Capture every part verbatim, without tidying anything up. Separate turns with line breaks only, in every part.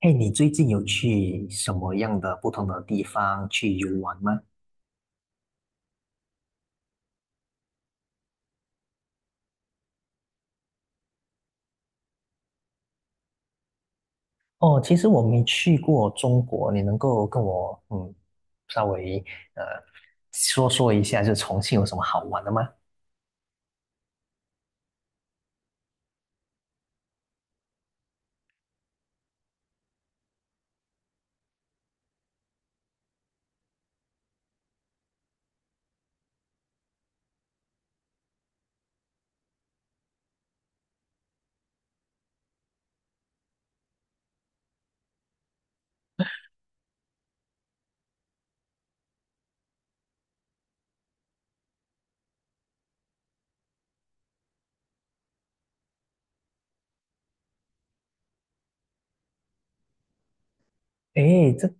哎，你最近有去什么样的不同的地方去游玩吗？哦，其实我没去过中国，你能够跟我嗯稍微呃说说一下，就重庆有什么好玩的吗？诶，这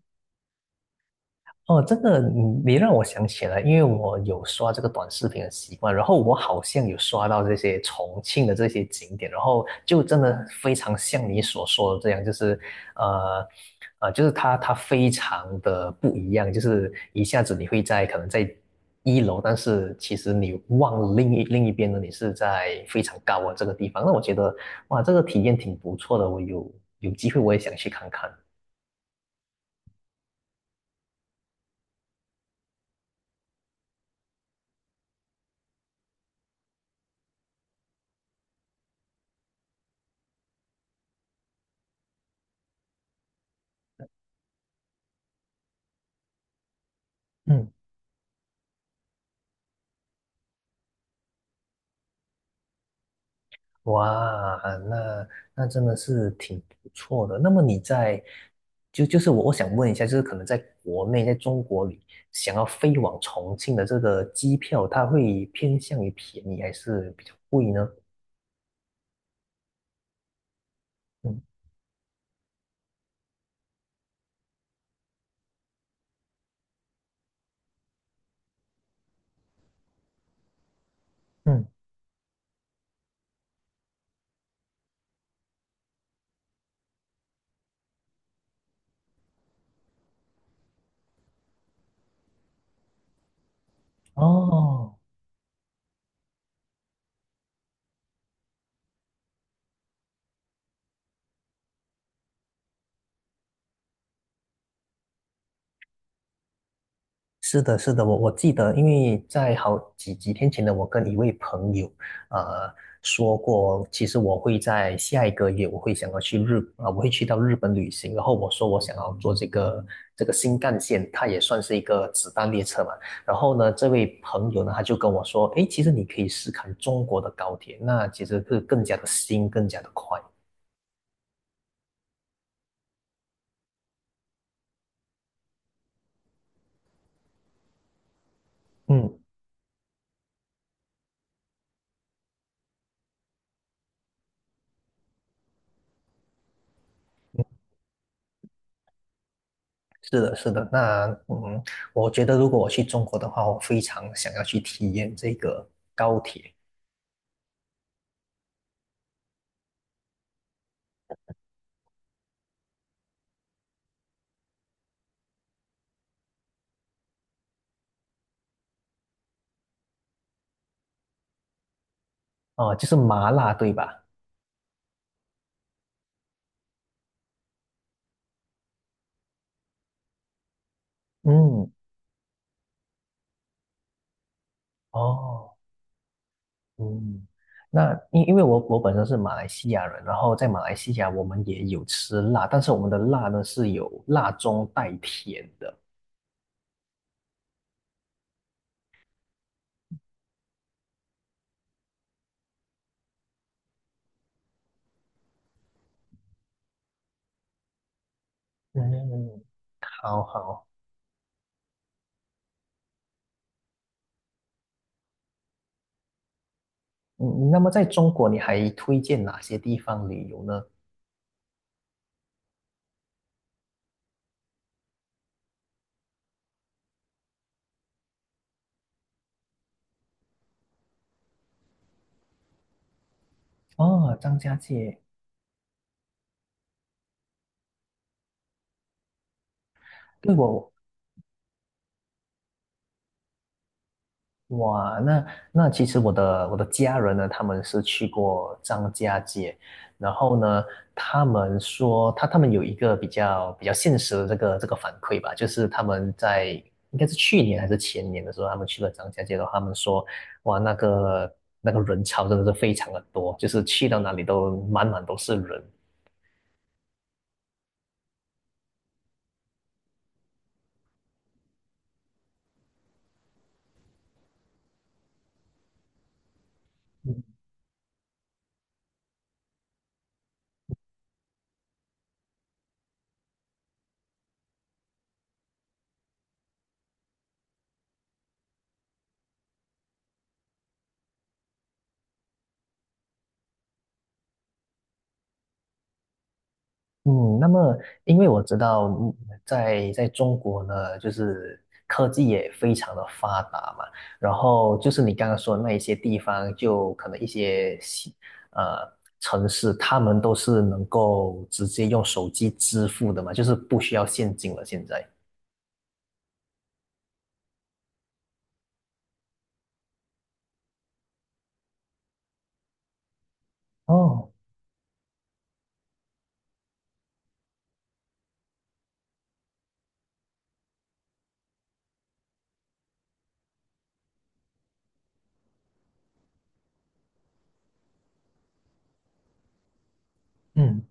哦，这个你你让我想起来，因为我有刷这个短视频的习惯，然后我好像有刷到这些重庆的这些景点，然后就真的非常像你所说的这样，就是呃呃，就是它它非常的不一样，就是一下子你会在可能在一楼，但是其实你望了另一另一边呢，你是在非常高的这个地方，那我觉得哇，这个体验挺不错的，我有有机会我也想去看看。嗯。哇，那那真的是挺不错的。那么你在就就是我我想问一下，就是可能在国内，在中国里，想要飞往重庆的这个机票，它会偏向于便宜还是比较贵呢？嗯。嗯，哦，是的，是的，我我记得，因为在好几几天前呢，我跟一位朋友，呃，说过，其实我会在下一个月，我会想要去日，啊、我会去到日本旅行。然后我说我想要坐这个这个新干线，它也算是一个子弹列车嘛。然后呢，这位朋友呢，他就跟我说，诶，其实你可以试看中国的高铁，那其实是更加的新，更加的快。嗯。是的，是的，那嗯，我觉得如果我去中国的话，我非常想要去体验这个高铁。哦，就是麻辣，对吧？嗯。哦。嗯，那因因为我我本身是马来西亚人，然后在马来西亚我们也有吃辣，但是我们的辣呢是有辣中带甜的。嗯，好好，嗯，那么在中国你还推荐哪些地方旅游呢？哦，张家界，对我。哇，那那其实我的我的家人呢，他们是去过张家界，然后呢，他们说他他们有一个比较比较现实的这个这个反馈吧，就是他们在应该是去年还是前年的时候，他们去了张家界的话，他们说哇，那个那个人潮真的是非常的多，就是去到哪里都满满都是人。嗯，那么因为我知道嗯在在中国呢，就是科技也非常的发达嘛，然后就是你刚刚说的那一些地方，就可能一些西呃城市，他们都是能够直接用手机支付的嘛，就是不需要现金了。现在，哦，嗯。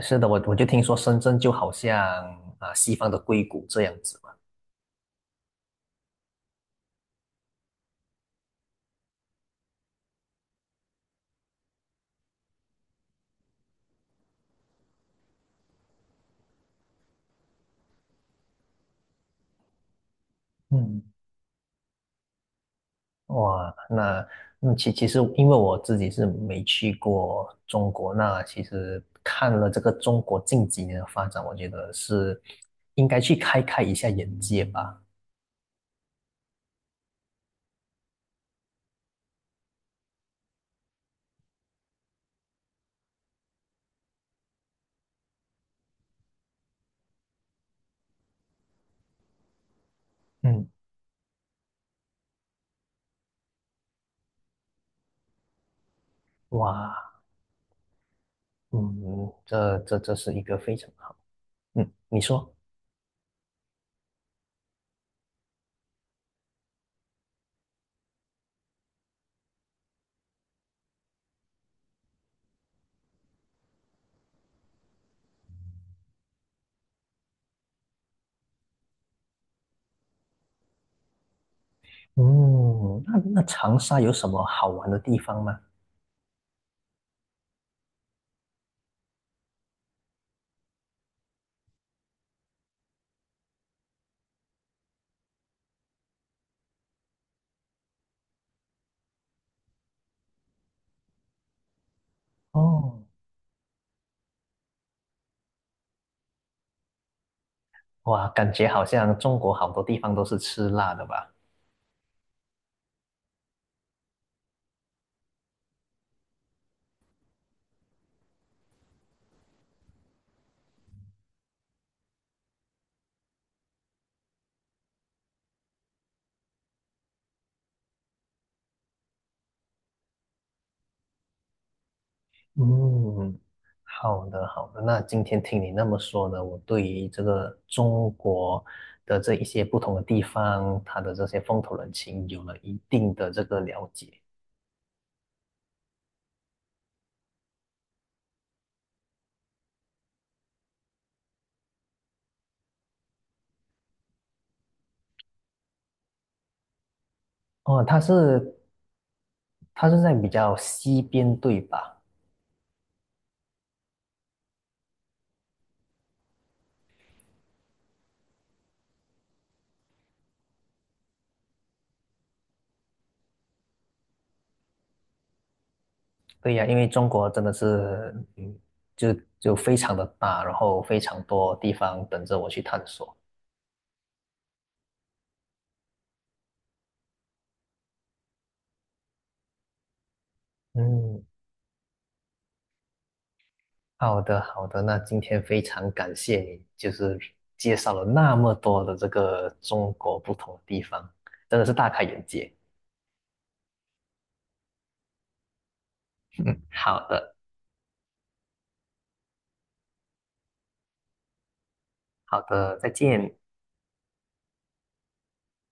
是的，我我就听说深圳就好像啊西方的硅谷这样子嘛。嗯。哇，那嗯，其其实因为我自己是没去过中国，那其实看了这个中国近几年的发展，我觉得是应该去开开一下眼界吧。嗯，哇，嗯，这这这是一个非常好。嗯，你说，嗯，那那长沙有什么好玩的地方吗？哦，哇，感觉好像中国好多地方都是吃辣的吧？嗯，好的好的。那今天听你那么说呢，我对于这个中国的这一些不同的地方，它的这些风土人情有了一定的这个了解。哦，它是它是在比较西边对吧？对呀，因为中国真的是，嗯，就就非常的大，然后非常多地方等着我去探索。嗯，好的，好的，那今天非常感谢你，就是介绍了那么多的这个中国不同的地方，真的是大开眼界。嗯，好的，好的，再见。